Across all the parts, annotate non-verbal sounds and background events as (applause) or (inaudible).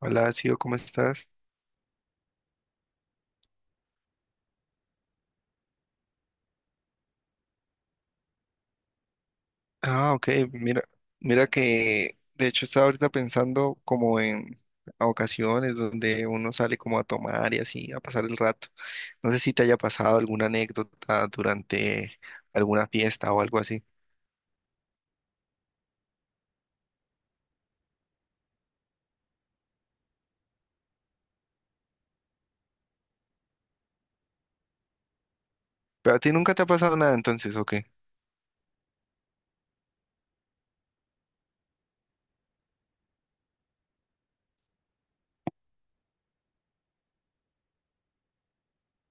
Hola, Sio, ¿cómo estás? Ah, ok, mira, mira que de hecho estaba ahorita pensando como en ocasiones donde uno sale como a tomar y así, a pasar el rato. No sé si te haya pasado alguna anécdota durante alguna fiesta o algo así. Pero a ti nunca te ha pasado nada entonces, ¿o qué?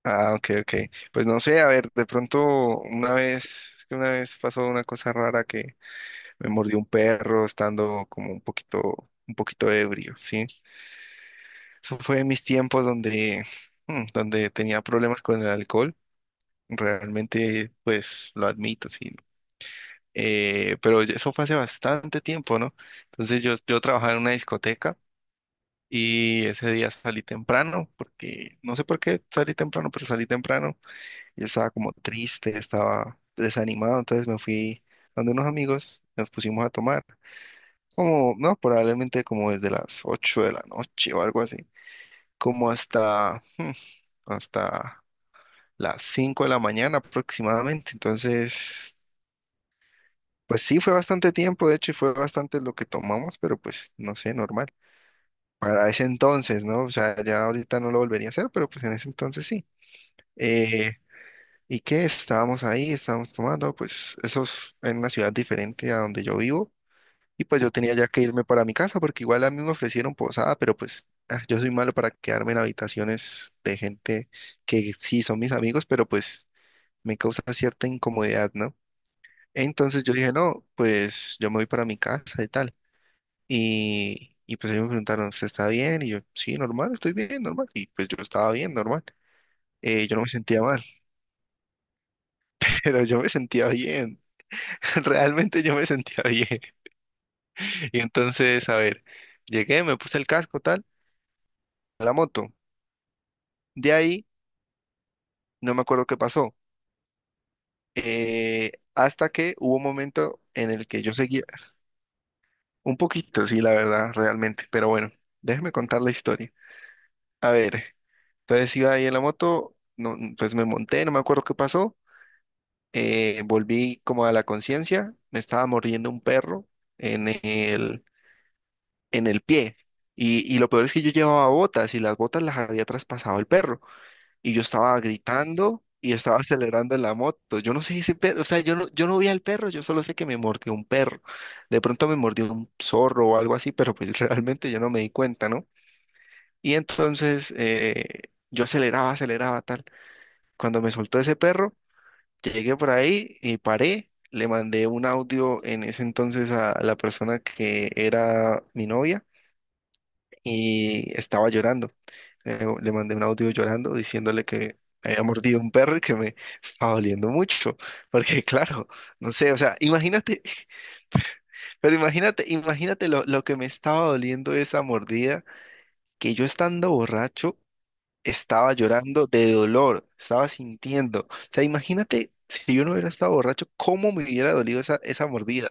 Ah, ok, ok. Pues no sé, a ver, de pronto una vez, es que una vez pasó una cosa rara que me mordió un perro estando como un poquito ebrio, ¿sí? Eso fue en mis tiempos donde tenía problemas con el alcohol. Realmente, pues lo admito, sí. Eso fue hace bastante tiempo, ¿no? Entonces yo trabajaba en una discoteca y ese día salí temprano, porque no sé por qué salí temprano, pero salí temprano. Yo estaba como triste, estaba desanimado, entonces me fui donde unos amigos, nos pusimos a tomar. Como, no, probablemente como desde las 8 de la noche o algo así. como hasta, hmm, hasta las 5 de la mañana aproximadamente. Entonces, pues sí, fue bastante tiempo, de hecho, y fue bastante lo que tomamos, pero pues no sé, normal. Para ese entonces, ¿no? O sea, ya ahorita no lo volvería a hacer, pero pues en ese entonces sí. Eh, ¿Y qué? Estábamos ahí, estábamos tomando, pues eso es en una ciudad diferente a donde yo vivo. Y pues yo tenía ya que irme para mi casa porque igual a mí me ofrecieron posada, pero pues yo soy malo para quedarme en habitaciones de gente que sí son mis amigos, pero pues me causa cierta incomodidad, ¿no? Entonces yo dije, no, pues yo me voy para mi casa y tal. Y pues ellos me preguntaron, ¿usted está bien? Y yo, sí, normal, estoy bien, normal. Y pues yo estaba bien, normal. Yo no me sentía mal, (laughs) pero yo me sentía bien. (laughs) Realmente yo me sentía bien. Y entonces, a ver, llegué, me puse el casco, tal, a la moto. De ahí no me acuerdo qué pasó. Hasta que hubo un momento en el que yo seguía un poquito, sí, la verdad, realmente. Pero bueno, déjeme contar la historia. A ver, entonces iba ahí en la moto, no, pues me monté, no me acuerdo qué pasó. Volví como a la conciencia, me estaba mordiendo un perro en el, en el pie. Y lo peor es que yo llevaba botas y las botas las había traspasado el perro. Y yo estaba gritando y estaba acelerando en la moto. Yo no sé si perro, o sea, yo no vi al perro, yo solo sé que me mordió un perro. De pronto me mordió un zorro o algo así, pero pues (laughs) realmente yo no me di cuenta, ¿no? Y entonces yo aceleraba, aceleraba tal. Cuando me soltó ese perro, llegué por ahí y paré. Le mandé un audio en ese entonces a la persona que era mi novia y estaba llorando. Le mandé un audio llorando diciéndole que me había mordido un perro y que me estaba doliendo mucho, porque (laughs) claro, no sé, o sea, imagínate, pero imagínate, imagínate lo que me estaba doliendo esa mordida, que yo estando borracho estaba llorando de dolor, estaba sintiendo, o sea, imagínate si yo no hubiera estado borracho, cómo me hubiera dolido esa, esa mordida,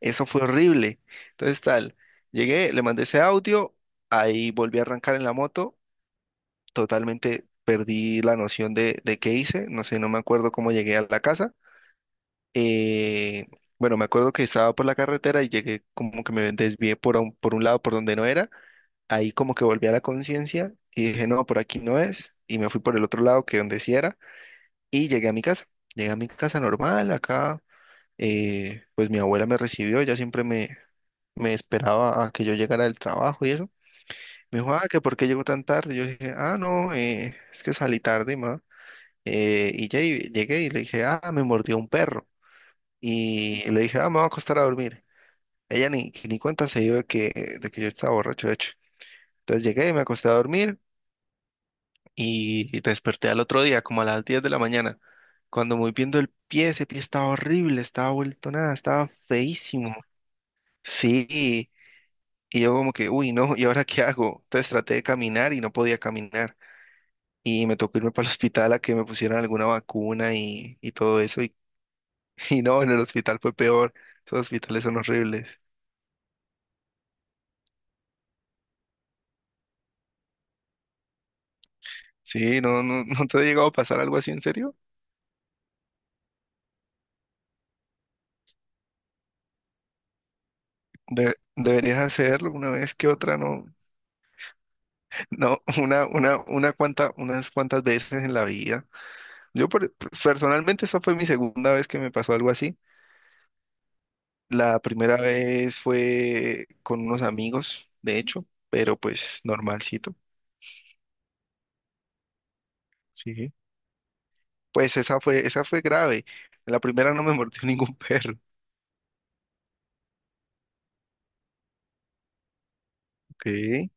eso fue horrible, entonces tal, llegué, le mandé ese audio, ahí volví a arrancar en la moto totalmente perdí la noción de qué hice, no sé, no me acuerdo cómo llegué a la casa. Eh, bueno, me acuerdo que estaba por la carretera y llegué como que me desvié por un lado por donde no era, ahí como que volví a la conciencia y dije, no, por aquí no es, y me fui por el otro lado que donde sí era, y llegué a mi casa, llegué a mi casa normal, acá, pues mi abuela me recibió, ella siempre me esperaba a que yo llegara del trabajo y eso. Me dijo, ah, que por qué llegó tan tarde. Yo dije, ah, no, es que salí tarde, ma. Y llegué y le dije, ah, me mordió un perro. Y le dije, ah, me voy a acostar a dormir. Ella ni cuenta se dio de que yo estaba borracho, de hecho. Entonces llegué y me acosté a dormir y desperté al otro día, como a las 10 de la mañana. Cuando voy viendo el pie, ese pie estaba horrible, estaba vuelto nada, estaba feísimo. Sí, y yo como que, uy, no, ¿y ahora qué hago? Entonces traté de caminar y no podía caminar. Y me tocó irme para el hospital a que me pusieran alguna vacuna y todo eso. Y no, en el hospital fue peor. Esos hospitales son horribles. Sí, no, no, (laughs) ¿no te ha llegado a pasar algo así en serio? Deberías hacerlo una vez que otra, no, (laughs) no, una cuanta, unas cuantas veces en la vida. Yo per- Personalmente esa fue mi segunda vez que me pasó algo así. La primera vez fue con unos amigos, de hecho, pero pues normalcito. Sí. Pues esa fue grave. En la primera no me (laughs) mordió ningún perro. Ok,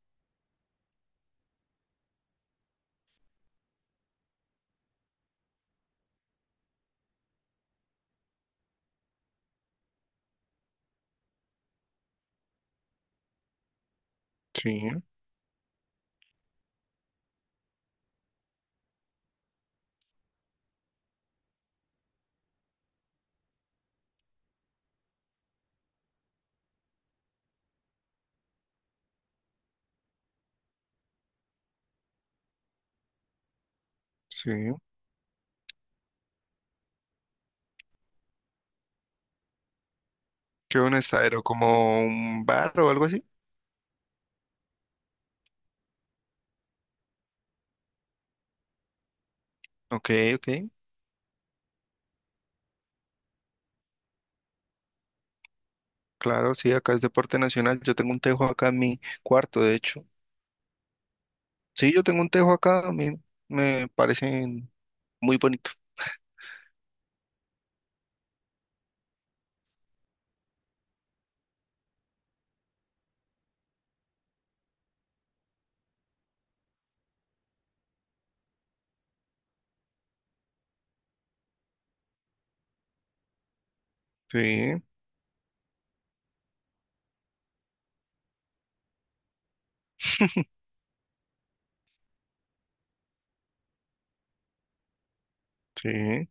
sí, sí. ¿Qué un estadero? ¿Como un bar o algo así? Ok, ok. Claro, sí, acá es deporte nacional. Yo tengo un tejo acá en mi cuarto, de hecho. Sí, yo tengo un tejo acá, a mí me parecen muy bonito. Sí, sí,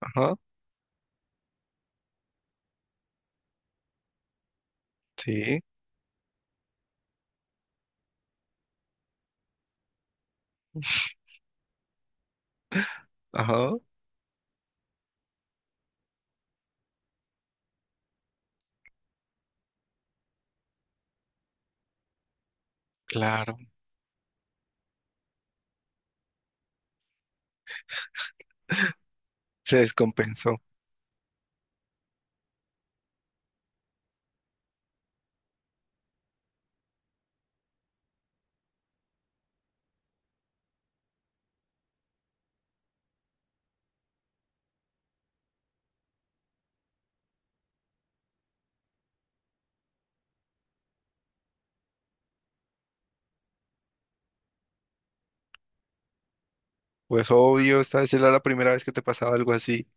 ajá, sí, (laughs) ajá, claro. Se descompensó. Pues obvio, esta vez era la primera vez que te pasaba algo así. (laughs)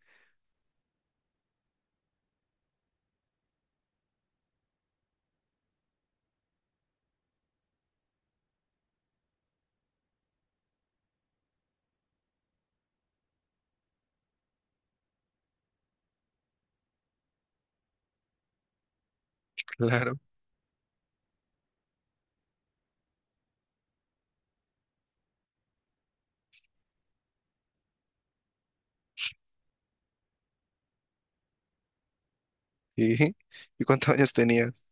Claro, sí. ¿Y cuántos años tenías?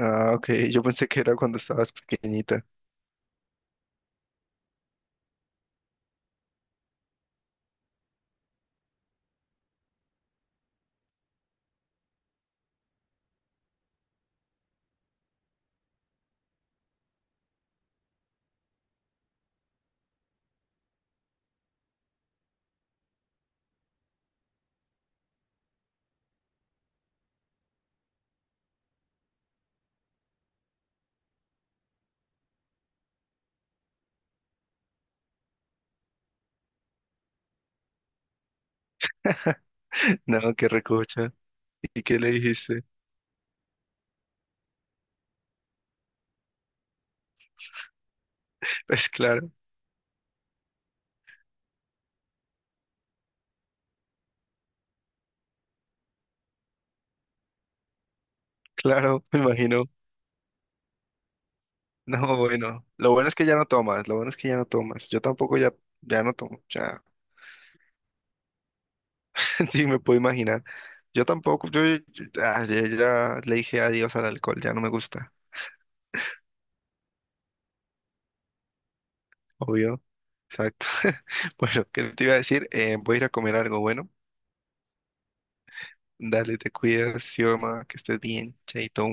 Ah, ok, (laughs) yo pensé que era cuando estabas pequeñita. (laughs) No, qué recocha. ¿Y qué le dijiste? (laughs) Pues claro. Claro, (laughs) me imagino. No, bueno, lo bueno es que ya no tomas, lo bueno es que ya no tomas. Yo tampoco ya, ya no tomo, ya, (laughs) sí me puedo imaginar. Yo tampoco, yo ya le dije adiós al alcohol, ya no me gusta, obvio, exacto. (laughs) Bueno, ¿qué te iba a decir? Voy a ir a comer algo bueno. Dale, te cuidas, Xioma, que estés bien, chaito.